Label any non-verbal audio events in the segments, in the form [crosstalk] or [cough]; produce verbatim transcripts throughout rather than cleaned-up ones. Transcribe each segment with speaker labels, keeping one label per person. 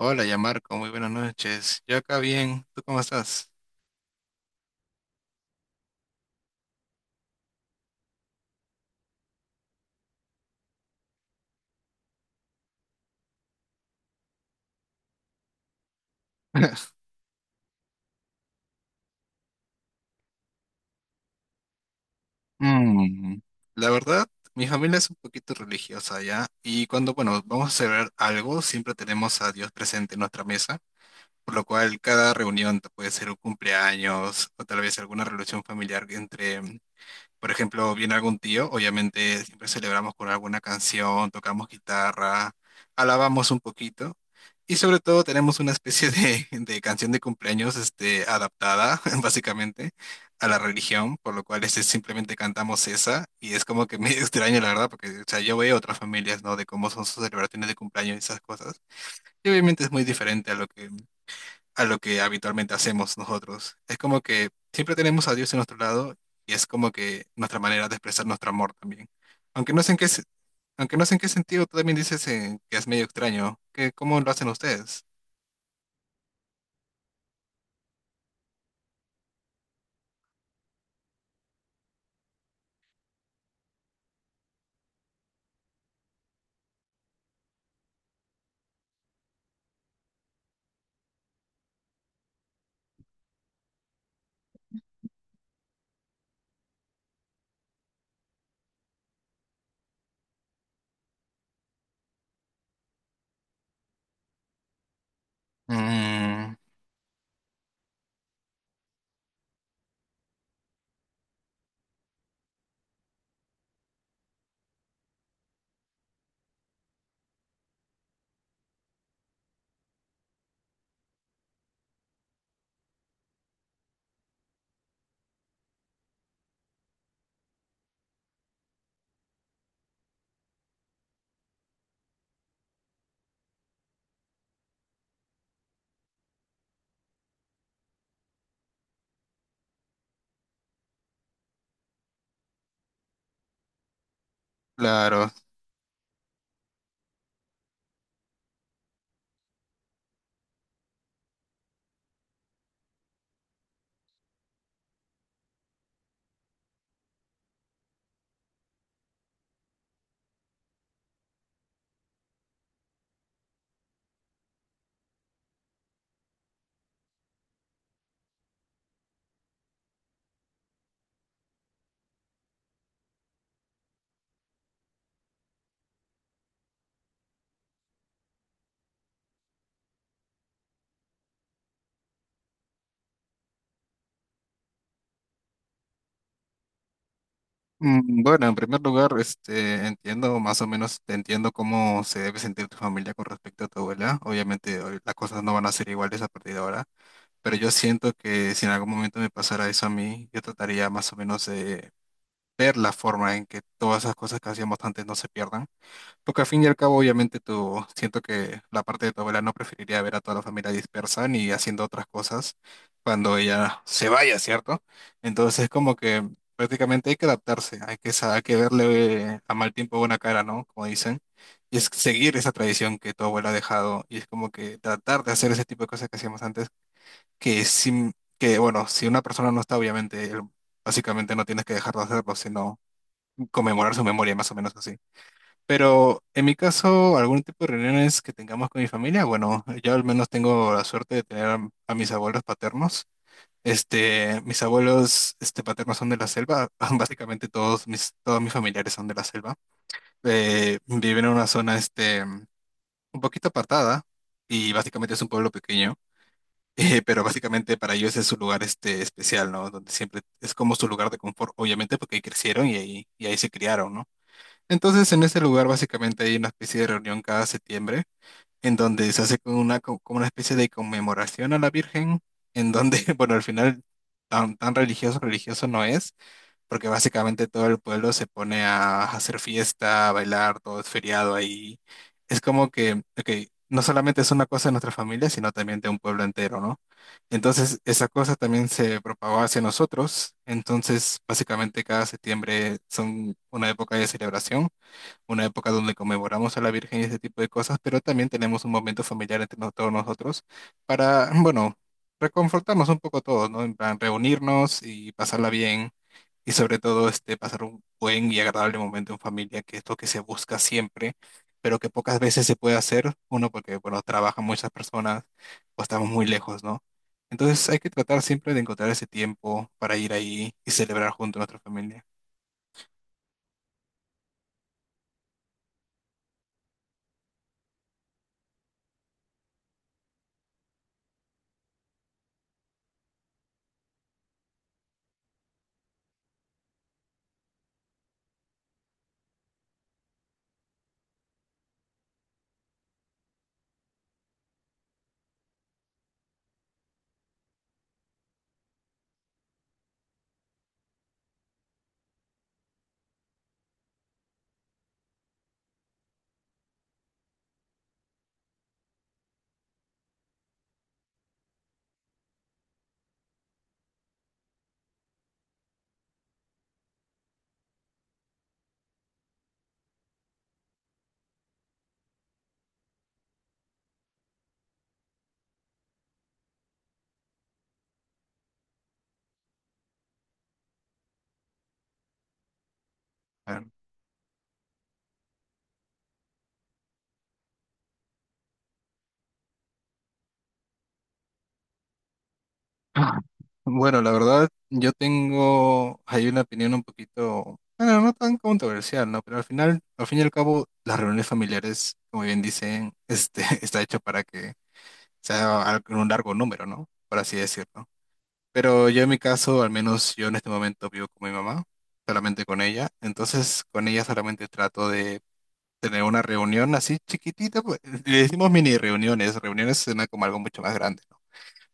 Speaker 1: Hola, ya Marco, muy buenas noches. Yo acá bien, ¿tú cómo estás? [laughs] Mm, La verdad, mi familia es un poquito religiosa ya, y cuando, bueno, vamos a celebrar algo, siempre tenemos a Dios presente en nuestra mesa, por lo cual cada reunión t- puede ser un cumpleaños o tal vez alguna relación familiar entre. Por ejemplo, viene algún tío, obviamente siempre celebramos con alguna canción, tocamos guitarra, alabamos un poquito y sobre todo tenemos una especie de, [laughs] de canción de cumpleaños este, adaptada [laughs] básicamente a la religión, por lo cual este, simplemente cantamos esa y es como que [laughs] medio extraño la verdad, porque o sea, yo veo otras familias, ¿no? De cómo son sus celebraciones de cumpleaños y esas cosas. Y obviamente es muy diferente a lo que a lo que habitualmente hacemos nosotros. Es como que siempre tenemos a Dios en nuestro lado y es como que nuestra manera de expresar nuestro amor también. Aunque no sé en qué, se- aunque no sé en qué sentido, tú también dices eh, que es medio extraño. ¿Que cómo lo hacen ustedes? Mm, claro. Mm, Bueno, en primer lugar, este, entiendo más o menos, te entiendo cómo se debe sentir tu familia con respecto a tu abuela. Obviamente, hoy las cosas no van a ser iguales a partir de ahora, pero yo siento que si en algún momento me pasara eso a mí, yo trataría más o menos de ver la forma en que todas esas cosas que hacíamos antes no se pierdan. Porque al fin y al cabo, obviamente, tú siento que la parte de tu abuela no preferiría ver a toda la familia dispersa ni haciendo otras cosas cuando ella se vaya, ¿cierto? Entonces, como que prácticamente hay que adaptarse, hay que, sa- hay que verle a mal tiempo buena cara, ¿no? Como dicen. Y es seguir esa tradición que tu abuela ha dejado y es como que tratar de hacer ese tipo de cosas que hacíamos antes, que, sin, que bueno, si una persona no está, obviamente, el- básicamente no tienes que dejar de hacerlo, sino conmemorar su memoria, más o menos así. Pero en mi caso, algún tipo de reuniones que tengamos con mi familia, bueno, yo al menos tengo la suerte de tener a, a mis abuelos paternos. Este, mis abuelos este, paternos son de la selva, [laughs] básicamente todos mis, todos mis familiares son de la selva. Eh, viven en una zona este, un poquito apartada y básicamente es un pueblo pequeño. [laughs] Eh, pero básicamente para ellos es su lugar este especial, ¿no? Donde siempre es como su lugar de confort, obviamente porque ahí crecieron y ahí, y ahí se criaron, ¿no? Entonces, en ese lugar básicamente hay una especie de reunión cada septiembre, en donde se hace como una, co- como una especie de conmemoración a la Virgen, en donde, [laughs] bueno, al final tan, tan religioso, religioso no es, porque básicamente todo el pueblo se pone a hacer fiesta, a bailar, todo es feriado ahí. Es como que, ok, no solamente es una cosa de nuestra familia, sino también de un pueblo entero, ¿no? Entonces, esa cosa también se propagó hacia nosotros. Entonces, básicamente cada septiembre son una época de celebración, una época donde conmemoramos a la Virgen y ese tipo de cosas, pero también tenemos un momento familiar entre nos- todos nosotros para, [clears throat] bueno, reconfortarnos un poco todos, ¿no? En plan, reunirnos y pasarla bien y sobre todo este, pasar un buen y agradable momento en familia, que es lo que se busca siempre, pero que pocas veces se puede hacer, uno porque, bueno, trabajan muchas personas o estamos muy lejos, ¿no? Entonces hay que tratar siempre de encontrar ese tiempo para ir ahí y celebrar junto a nuestra familia. Claro. Ah, bueno, la verdad, yo tengo hay una opinión un poquito, bueno, no tan controversial, ¿no? Pero al final, al fin y al cabo, las reuniones familiares, como bien dicen, este, [laughs] está hecho para que sea al- un largo número, ¿no? Por así decirlo. Pero yo en mi caso, al menos yo en este momento vivo con mi mamá, solamente con ella. Entonces, con ella solamente trato de tener una reunión así chiquitita, pues, le decimos mini reuniones, reuniones suena como algo mucho más grande.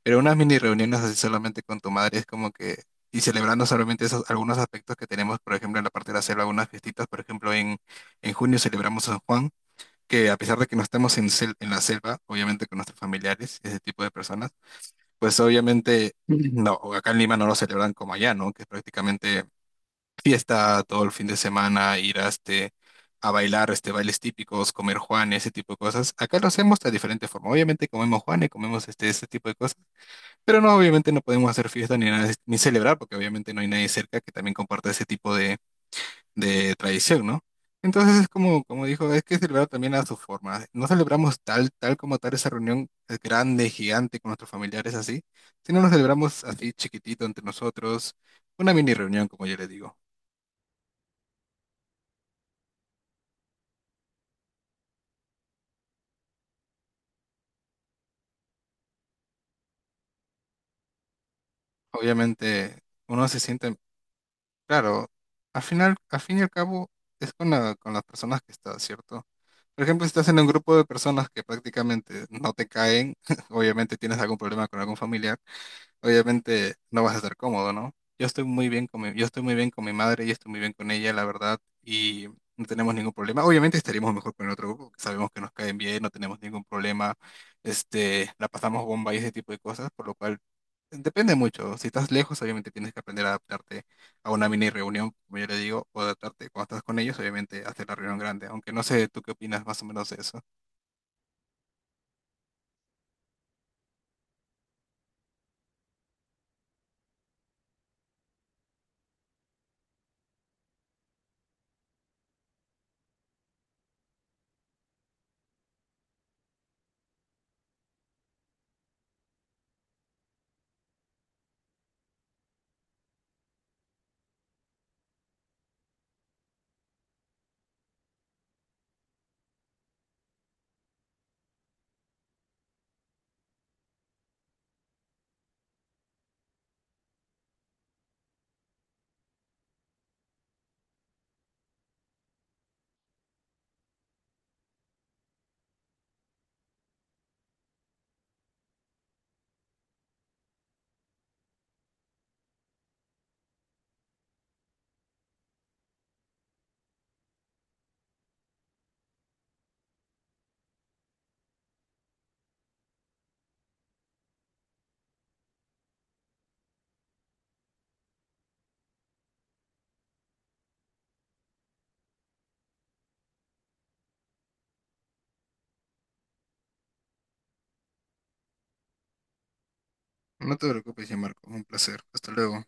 Speaker 1: Pero unas mini reuniones así solamente con tu madre es como que, y celebrando solamente esos algunos aspectos que tenemos, por ejemplo, en la parte de la selva algunas fiestitas, por ejemplo, en, en junio celebramos San Juan, que a pesar de que no estamos en, sel- en la selva, obviamente con nuestros familiares, ese tipo de personas, pues obviamente. Ujú. No, acá en Lima no lo celebran como allá, ¿no? Que es prácticamente fiesta todo el fin de semana, ir a este a bailar este, bailes típicos, comer juan, ese tipo de cosas. Acá lo hacemos de diferente forma. Obviamente comemos juan y comemos este, ese tipo de cosas, pero no, obviamente no podemos hacer fiesta ni nada, ni celebrar, porque obviamente no hay nadie cerca que también comparta ese tipo de, de tradición, ¿no? Entonces es como, como dijo, es que celebrar también a su forma. No celebramos tal, tal como tal esa reunión eh, grande, gigante con nuestros familiares así, sino nos celebramos así chiquitito entre nosotros, una mini reunión, como yo le digo. Obviamente uno se siente. Claro, al final, al fin y al cabo, es con la- con las personas que estás, ¿cierto? Por ejemplo, si estás en un grupo de personas que prácticamente no te caen, [laughs] obviamente tienes algún problema con algún familiar, obviamente no vas a estar cómodo, ¿no? Yo estoy muy bien con mi, yo estoy muy bien con mi madre, y estoy muy bien con ella, la verdad, y no tenemos ningún problema. Obviamente estaríamos mejor con el otro grupo, que sabemos que nos caen bien, no tenemos ningún problema, este, la pasamos bomba y ese tipo de cosas, por lo cual depende mucho. Si estás lejos, obviamente tienes que aprender a adaptarte a una mini reunión, como yo le digo, o adaptarte cuando estás con ellos, obviamente, hacer la reunión grande. Aunque no sé tú qué opinas más o menos de eso. No te preocupes, ya Marco. Un placer. Hasta luego.